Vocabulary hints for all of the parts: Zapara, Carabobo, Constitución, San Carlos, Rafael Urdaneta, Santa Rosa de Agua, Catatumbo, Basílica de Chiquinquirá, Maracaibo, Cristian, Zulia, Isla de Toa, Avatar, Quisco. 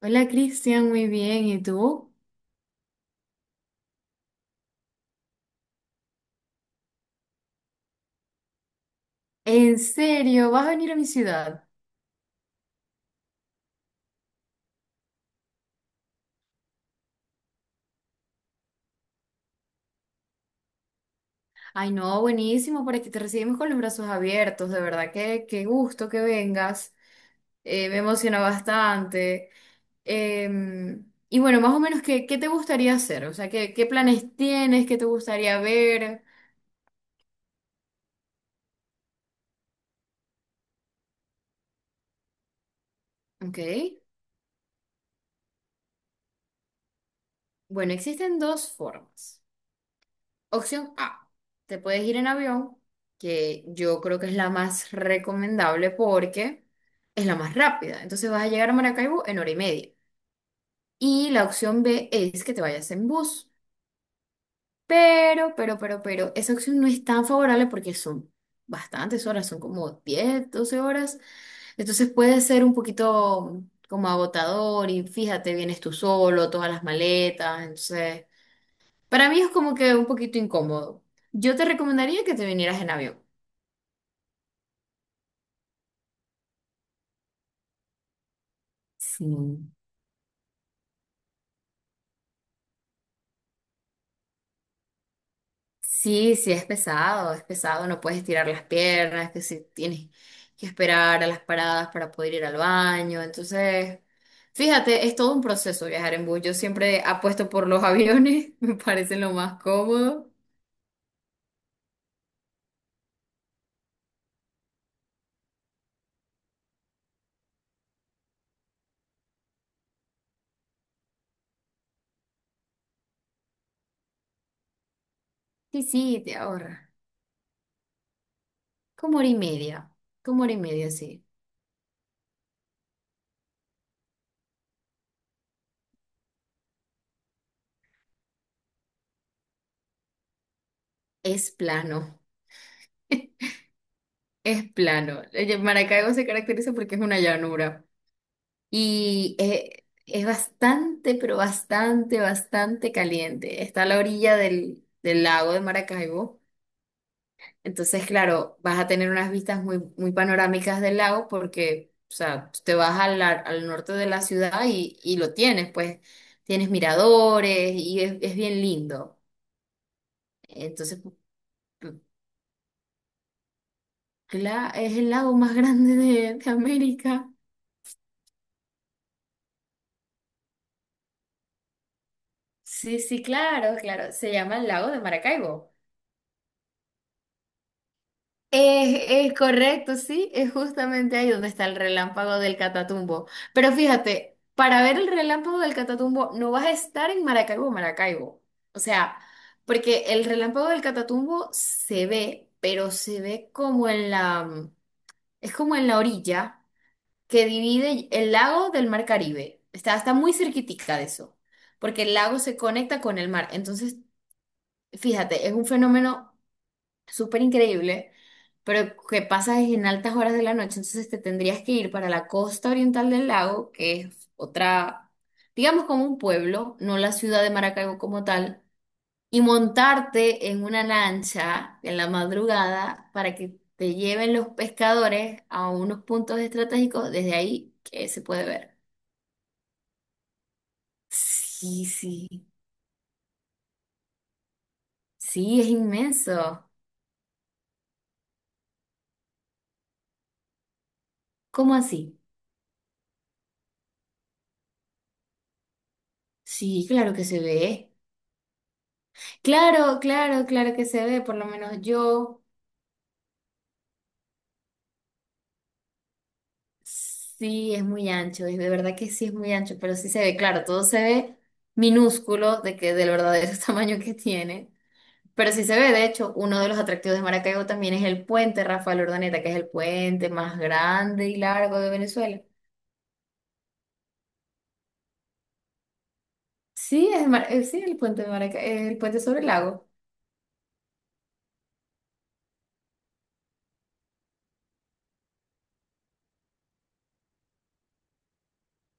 Hola Cristian, muy bien. ¿Y tú? ¿En serio? ¿Vas a venir a mi ciudad? Ay, no, buenísimo, por aquí te recibimos con los brazos abiertos, de verdad que qué gusto que vengas. Me emociona bastante. Y bueno, más o menos, ¿qué te gustaría hacer? O sea, ¿qué planes tienes? ¿Qué te gustaría ver? Ok. Bueno, existen dos formas. Opción A, te puedes ir en avión, que yo creo que es la más recomendable porque es la más rápida. Entonces vas a llegar a Maracaibo en hora y media. Y la opción B es que te vayas en bus. Pero, esa opción no es tan favorable porque son bastantes horas, son como 10, 12 horas. Entonces puede ser un poquito como agotador y fíjate, vienes tú solo, todas las maletas, entonces… Para mí es como que un poquito incómodo. Yo te recomendaría que te vinieras en avión. Sí. Sí, sí, es pesado, no puedes tirar las piernas, que si tienes que esperar a las paradas para poder ir al baño. Entonces, fíjate, es todo un proceso viajar en bus. Yo siempre apuesto por los aviones, me parece lo más cómodo. Sí, sí, te ahorra. Como hora y media, como hora y media, sí. Es plano, es plano. Maracaibo se caracteriza porque es una llanura. Y es bastante, pero bastante, bastante caliente. Está a la orilla del lago de Maracaibo. Entonces, claro, vas a tener unas vistas muy, muy panorámicas del lago porque, o sea, te vas al norte de la ciudad y lo tienes, pues tienes miradores y es bien lindo. Entonces, pu- es el lago más grande de América. Sí, sí, claro, claro. Se llama el lago de Maracaibo. Es correcto, sí, es justamente ahí donde está el relámpago del Catatumbo. Pero fíjate, para ver el relámpago del Catatumbo no vas a estar en Maracaibo, Maracaibo. O sea, porque el relámpago del Catatumbo se ve, pero se ve como en la, es como en la orilla que divide el lago del Mar Caribe. Está muy cerquitica de eso, porque el lago se conecta con el mar. Entonces, fíjate, es un fenómeno súper increíble, pero que pasa es en altas horas de la noche, entonces te tendrías que ir para la costa oriental del lago, que es otra, digamos como un pueblo, no la ciudad de Maracaibo como tal, y montarte en una lancha en la madrugada para que te lleven los pescadores a unos puntos estratégicos desde ahí que se puede ver. Sí, sí, sí, es inmenso. ¿Cómo así? Sí, claro que se ve. Claro, claro, claro que se ve, por lo menos yo sí es muy ancho, y de verdad que sí es muy ancho, pero sí se ve, claro, todo se ve minúsculo de que del verdadero tamaño que tiene, pero sí se ve, de hecho, uno de los atractivos de Maracaibo también es el puente Rafael Urdaneta, que es el puente más grande y largo de Venezuela. Sí, es, sí, el puente de el puente sobre el lago.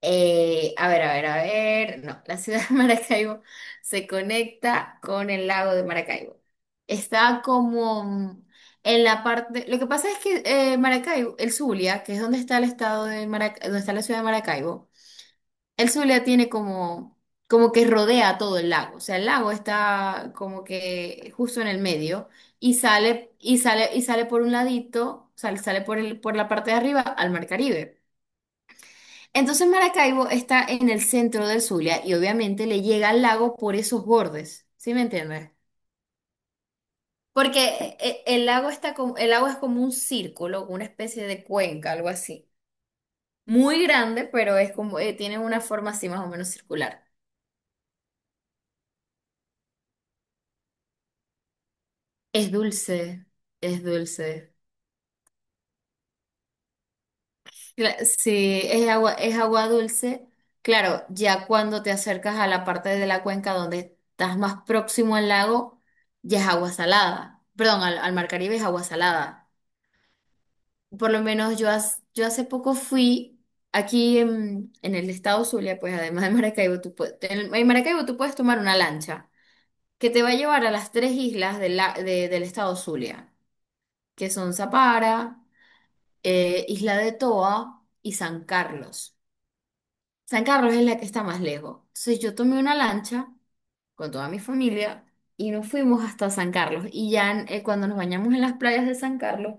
A ver, a ver, a ver. No, la ciudad de Maracaibo se conecta con el lago de Maracaibo. Está como en la parte. Lo que pasa es que Maracaibo, el Zulia, que es donde está el estado de Maracaibo, donde está la ciudad de Maracaibo, el Zulia tiene como, como que rodea todo el lago. O sea, el lago está como que justo en el medio y sale, y sale, y sale por un ladito, sale, sale por el, por la parte de arriba al Mar Caribe. Entonces Maracaibo está en el centro del Zulia y obviamente le llega al lago por esos bordes, ¿sí me entiendes? Porque el lago está como, el lago es como un círculo, una especie de cuenca, algo así. Muy grande, pero es como, tiene una forma así más o menos circular. Es dulce, es dulce. Sí, es agua dulce. Claro, ya cuando te acercas a la parte de la cuenca donde estás más próximo al lago, ya es agua salada. Perdón, al mar Caribe es agua salada. Por lo menos yo, yo hace poco fui aquí en el estado Zulia, pues además de Maracaibo, tú puedes, en Maracaibo tú puedes tomar una lancha que te va a llevar a las tres islas de del estado Zulia, que son Zapara, Isla de Toa y San Carlos. San Carlos es la que está más lejos. Entonces yo tomé una lancha con toda mi familia y nos fuimos hasta San Carlos. Y ya cuando nos bañamos en las playas de San Carlos,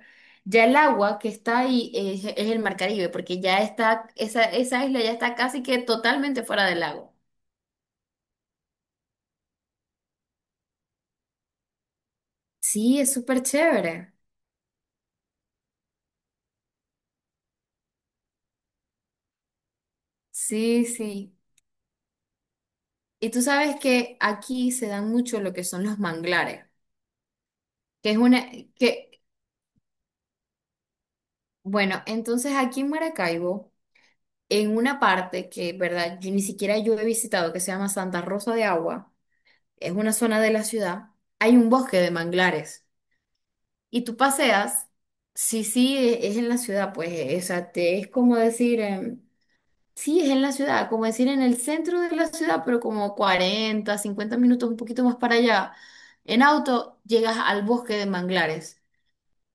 ya el agua que está ahí es el Mar Caribe, porque ya está, esa isla ya está casi que totalmente fuera del lago. Sí, es súper chévere. Sí, sí. Y tú sabes que aquí se dan mucho lo que son los manglares, que es una, que, bueno, entonces aquí en Maracaibo, en una parte que, verdad, yo ni siquiera yo he visitado, que se llama Santa Rosa de Agua, es una zona de la ciudad, hay un bosque de manglares y tú paseas, sí, sí, es en la ciudad, pues, o sea, es como decir, sí, es en la ciudad, como decir en el centro de la ciudad, pero como 40, 50 minutos, un poquito más para allá, en auto llegas al bosque de manglares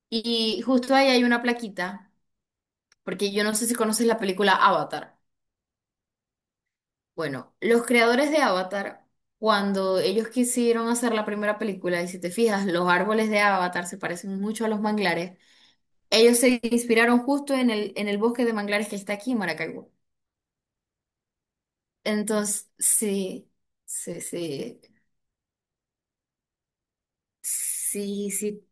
y justo ahí hay una plaquita, porque yo no sé si conoces la película Avatar. Bueno, los creadores de Avatar, cuando ellos quisieron hacer la primera película, y si te fijas, los árboles de Avatar se parecen mucho a los manglares, ellos se inspiraron justo en el bosque de manglares que está aquí en Maracaibo. Entonces, sí, sí, sí, sí, sí,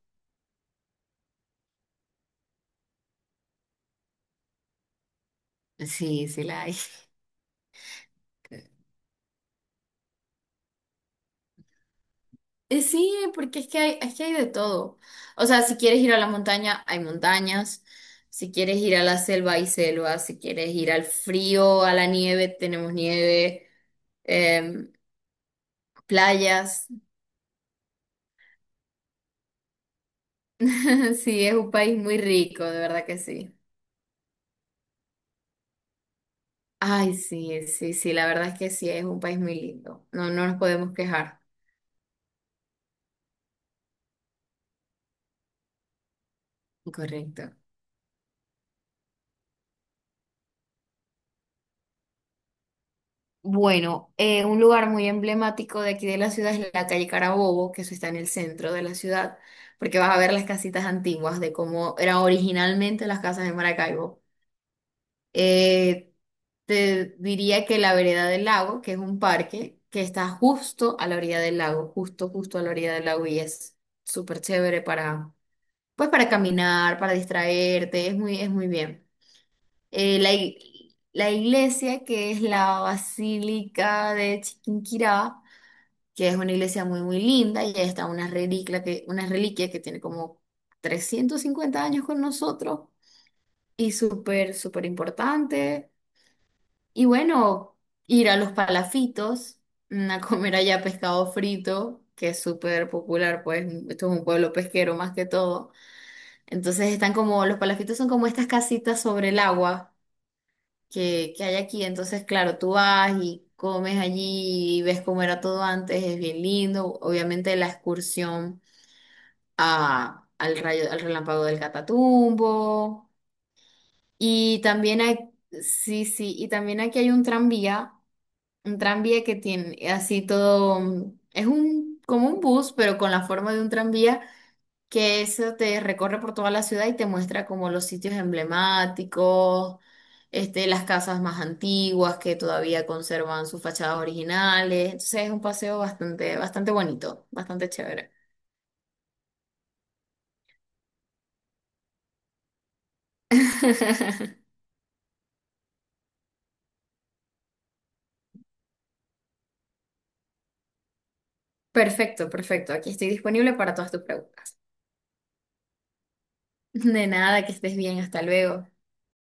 sí, sí la hay. Sí, porque es que hay de todo. O sea, si quieres ir a la montaña, hay montañas. Si quieres ir a la selva, hay selva. Si quieres ir al frío, a la nieve, tenemos nieve. em, Playas. Sí, es un país muy rico, de verdad que sí. Ay, sí, sí, sí, la verdad es que sí, es un país muy lindo. No, no nos podemos quejar. Correcto. Bueno, un lugar muy emblemático de aquí de la ciudad es la calle Carabobo, que eso está en el centro de la ciudad, porque vas a ver las casitas antiguas de cómo eran originalmente las casas de Maracaibo. Eh, Te diría que la vereda del lago, que es un parque que está justo a la orilla del lago, justo, justo a la orilla del lago y es súper chévere para, pues para caminar, para distraerte, es muy bien. La iglesia que es la Basílica de Chiquinquirá, que es una iglesia muy, muy linda y ahí está una reliquia que tiene como 350 años con nosotros y súper, súper importante. Y bueno, ir a los palafitos, a comer allá pescado frito, que es súper popular, pues esto es un pueblo pesquero más que todo. Entonces están como, los palafitos son como estas casitas sobre el agua que hay aquí. Entonces, claro, tú vas y comes allí y ves cómo era todo antes, es bien lindo. Obviamente la excursión al rayo, al relámpago del Catatumbo. Y también hay, sí, sí, y también aquí hay un tranvía. Un tranvía que tiene así todo, es un como un bus, pero con la forma de un tranvía, que eso te recorre por toda la ciudad y te muestra como los sitios emblemáticos, este, las casas más antiguas que todavía conservan sus fachadas originales. Entonces es un paseo bastante, bastante bonito, bastante chévere. Perfecto, perfecto. Aquí estoy disponible para todas tus preguntas. De nada, que estés bien, hasta luego.